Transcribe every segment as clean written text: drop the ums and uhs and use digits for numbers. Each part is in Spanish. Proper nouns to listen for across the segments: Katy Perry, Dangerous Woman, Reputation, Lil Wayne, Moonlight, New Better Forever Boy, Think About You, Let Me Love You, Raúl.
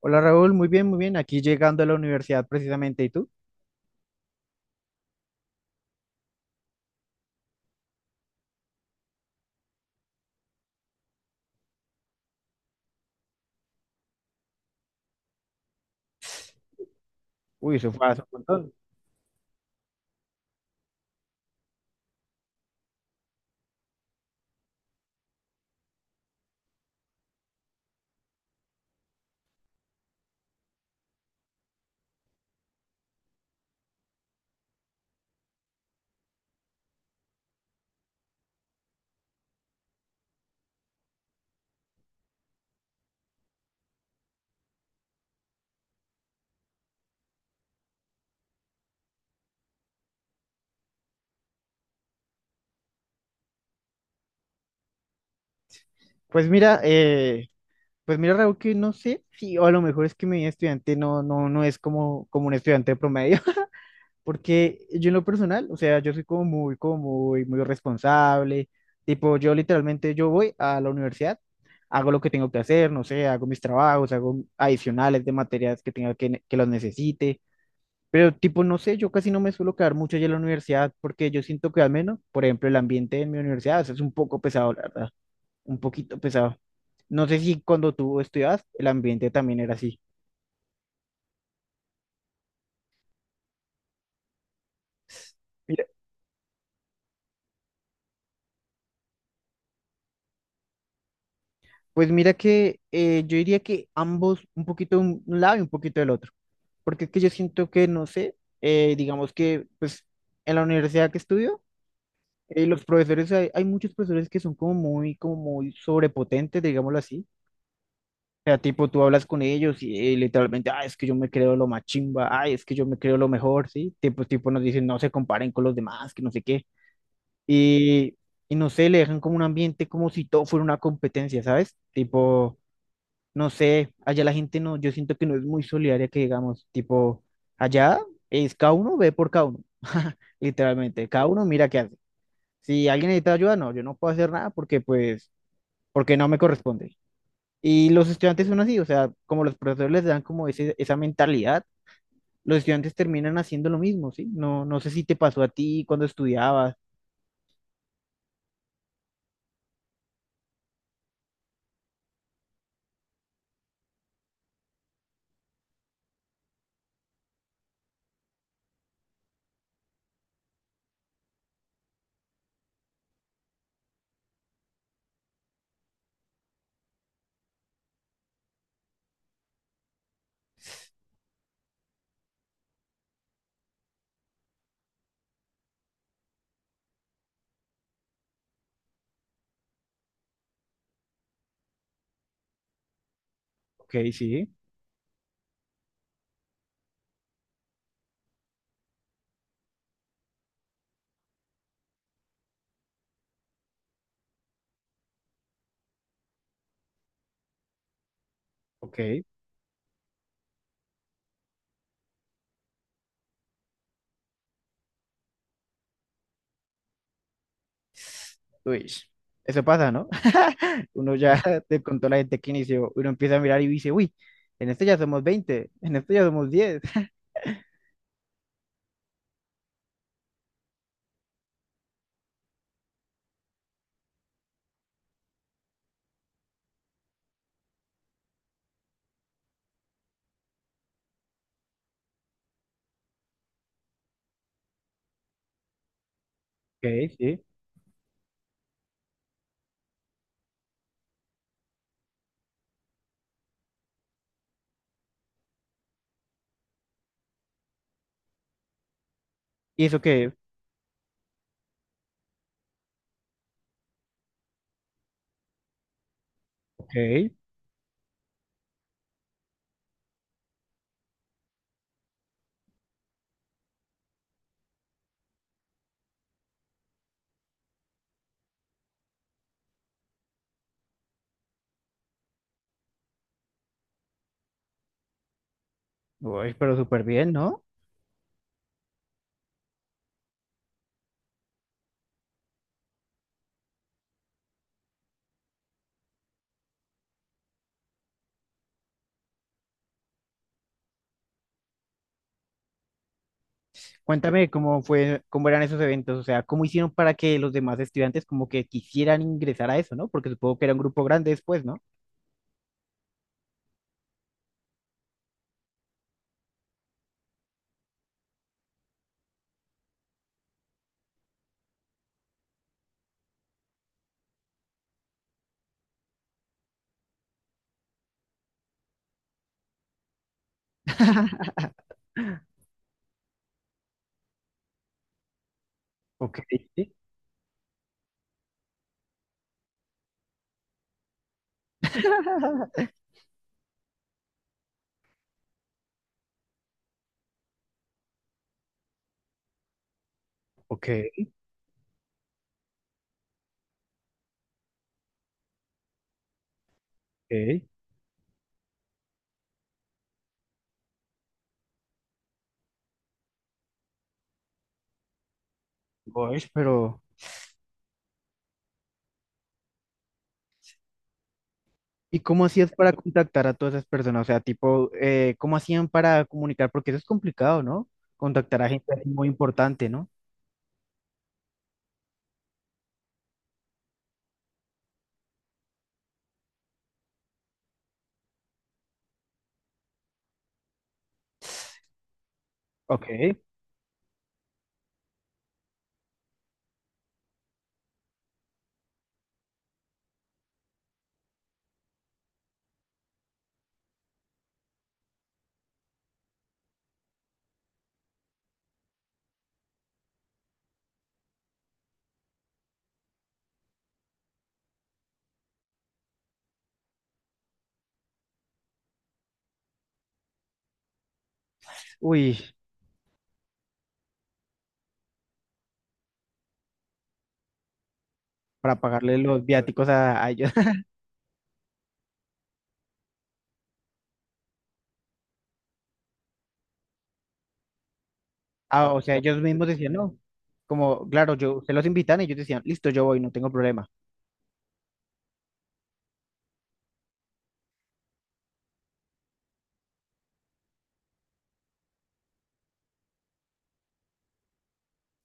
Hola Raúl, muy bien, muy bien. Aquí llegando a la universidad precisamente, ¿y tú? Uy, eso fue hace un montón. Pues mira, eh, pues mira Raúl, que no sé si, o a lo mejor es que mi estudiante no es como, un estudiante promedio, porque yo en lo personal, o sea, yo soy como muy, muy responsable. Tipo, yo literalmente, yo voy a la universidad, hago lo que tengo que hacer, no sé, hago mis trabajos, hago adicionales de materias que los necesite. Pero tipo, no sé, yo casi no me suelo quedar mucho allá en la universidad porque yo siento que al menos, por ejemplo, el ambiente en mi universidad es un poco pesado, la verdad, un poquito pesado. No sé si cuando tú estudiabas el ambiente también era así. Mira, pues mira que yo diría que ambos, un poquito de un lado y un poquito del otro, porque es que yo siento que, no sé, digamos que pues en la universidad que estudio, los profesores, hay muchos profesores que son como muy sobrepotentes, digámoslo así. Sea, tipo, tú hablas con ellos y, literalmente, ah, es que yo me creo lo más chimba, ay, es que yo me creo lo mejor, ¿sí? Tipo, tipo nos dicen, no se comparen con los demás, que no sé qué. Y, y no sé, le dejan como un ambiente como si todo fuera una competencia, ¿sabes? Tipo, no sé, allá la gente no, yo siento que no es muy solidaria que digamos, tipo, allá es cada uno ve por cada uno, literalmente, cada uno mira qué hace. Si alguien necesita ayuda, no, yo no puedo hacer nada porque, pues, porque no me corresponde. Y los estudiantes son así, o sea, como los profesores les dan como esa mentalidad, los estudiantes terminan haciendo lo mismo, ¿sí? No, no sé si te pasó a ti cuando estudiabas. Ok, sí, ok. Uy, eso pasa, ¿no? Uno ya te contó la gente que inició, uno empieza a mirar y dice, uy, en esto ya somos 20, en esto ya somos diez. Ok, sí. ¿Y eso qué? Ok, uy, pero súper bien, ¿no? Cuéntame cómo fue, cómo eran esos eventos, o sea, cómo hicieron para que los demás estudiantes como que quisieran ingresar a eso, ¿no? Porque supongo que era un grupo grande después, ¿no? Ok, sí, ok, ok. Gosh, pero ¿y cómo hacías para contactar a todas esas personas? O sea, tipo, ¿cómo hacían para comunicar? Porque eso es complicado, ¿no? Contactar a gente así muy importante, ¿no? Ok. Uy, para pagarle los viáticos a ellos. Ah, o sea, ellos mismos decían, no. Como, claro, yo, se los invitan y ellos decían, listo, yo voy, no tengo problema.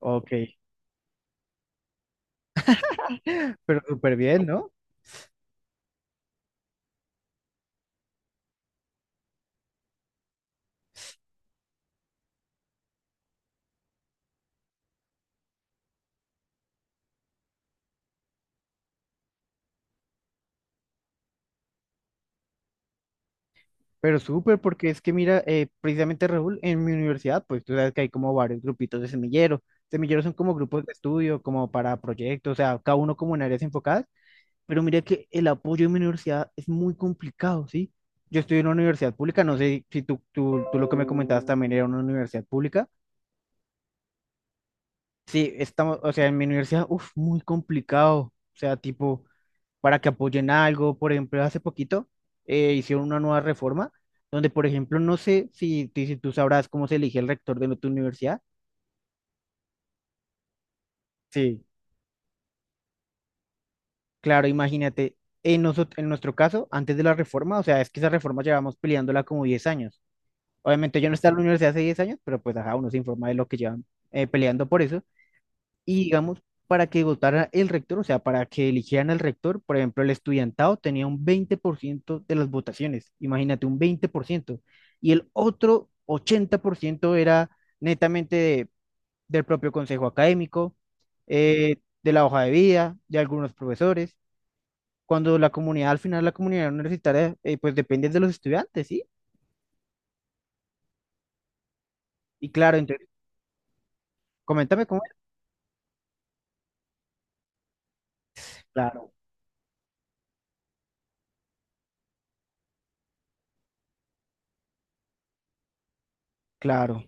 Ok, pero súper bien, ¿no? Pero súper, porque es que mira, precisamente Raúl, en mi universidad, pues tú sabes que hay como varios grupitos de semilleros. Semilleros son como grupos de estudio, como para proyectos, o sea, cada uno como en áreas enfocadas. Pero mira que el apoyo en mi universidad es muy complicado, ¿sí? Yo estoy en una universidad pública, no sé si tú lo que me comentabas también era una universidad pública. Sí, estamos, o sea, en mi universidad, uff, muy complicado. O sea, tipo, para que apoyen algo. Por ejemplo, hace poquito hicieron una nueva reforma donde, por ejemplo, no sé si, si tú sabrás cómo se elige el rector de tu universidad. Sí, claro, imagínate, en, en nuestro caso, antes de la reforma, o sea, es que esa reforma llevamos peleándola como 10 años. Obviamente yo no estaba en la universidad hace 10 años, pero pues ajá, uno se informa de lo que llevan peleando por eso. Y digamos, para que votara el rector, o sea, para que eligieran al rector, por ejemplo, el estudiantado tenía un 20% de las votaciones, imagínate, un 20%. Y el otro 80% era netamente del propio consejo académico, eh, de la hoja de vida, de algunos profesores. Cuando la comunidad, al final la comunidad universitaria, pues depende de los estudiantes, ¿sí? Y claro, entonces, coméntame cómo es. Claro, claro,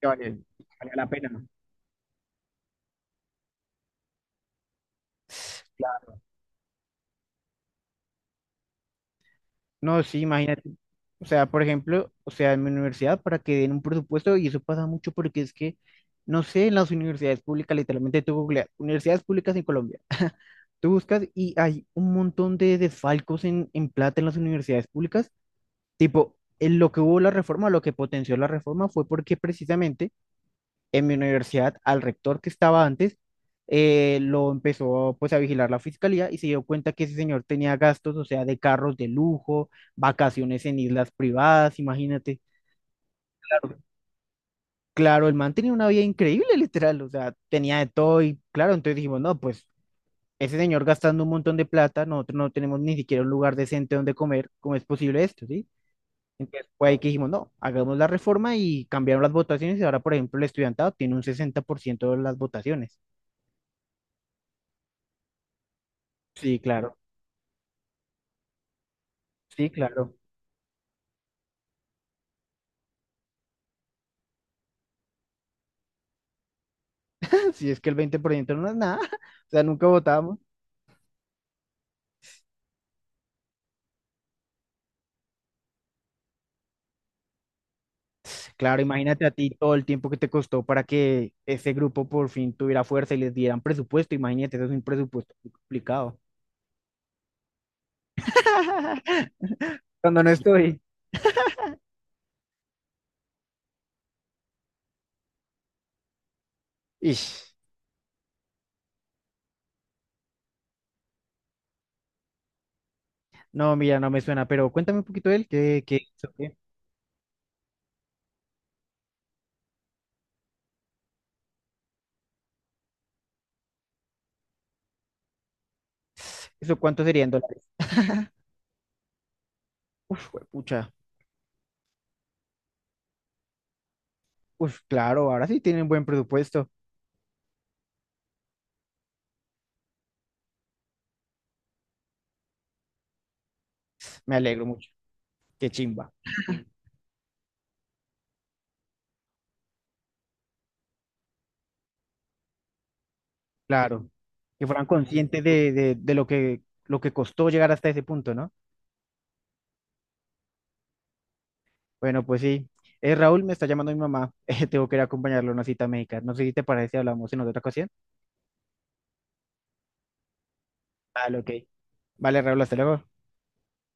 que vale, que vale la pena, ¿no? No, sí, imagínate. O sea, por ejemplo, o sea, en mi universidad para que den un presupuesto, y eso pasa mucho porque es que, no sé, en las universidades públicas, literalmente tú googleas, universidades públicas en Colombia, tú buscas y hay un montón de desfalcos en plata en las universidades públicas. Tipo, en lo que hubo la reforma, lo que potenció la reforma fue porque precisamente en mi universidad al rector que estaba antes, lo empezó pues a vigilar la fiscalía y se dio cuenta que ese señor tenía gastos, o sea, de carros de lujo, vacaciones en islas privadas, imagínate. Claro, el man tenía una vida increíble, literal, o sea, tenía de todo y claro, entonces dijimos, no, pues ese señor gastando un montón de plata, nosotros no tenemos ni siquiera un lugar decente donde comer, ¿cómo es posible esto, sí? Entonces fue ahí que dijimos, no, hagamos la reforma y cambiaron las votaciones y ahora, por ejemplo, el estudiantado tiene un 60% de las votaciones. Sí, claro. Sí, claro. Si es que el 20% no es nada, o sea, nunca votamos. Claro, imagínate a ti todo el tiempo que te costó para que ese grupo por fin tuviera fuerza y les dieran presupuesto. Imagínate, eso es un presupuesto muy complicado. Cuando no estoy. Ish. No, mira, no me suena, pero cuéntame un poquito de él, ¿qué, qué hizo? ¿Qué? ¿Eso cuánto sería en dólares? Uf, pucha. Uf, claro, ahora sí tienen buen presupuesto. Me alegro mucho. Qué chimba. Claro. Que fueran conscientes de lo que costó llegar hasta ese punto, ¿no? Bueno, pues sí. Raúl, me está llamando mi mamá. Tengo que ir a acompañarlo a una cita médica. No sé si te parece, si hablamos en otra ocasión. Vale, ok. Vale, Raúl, hasta luego.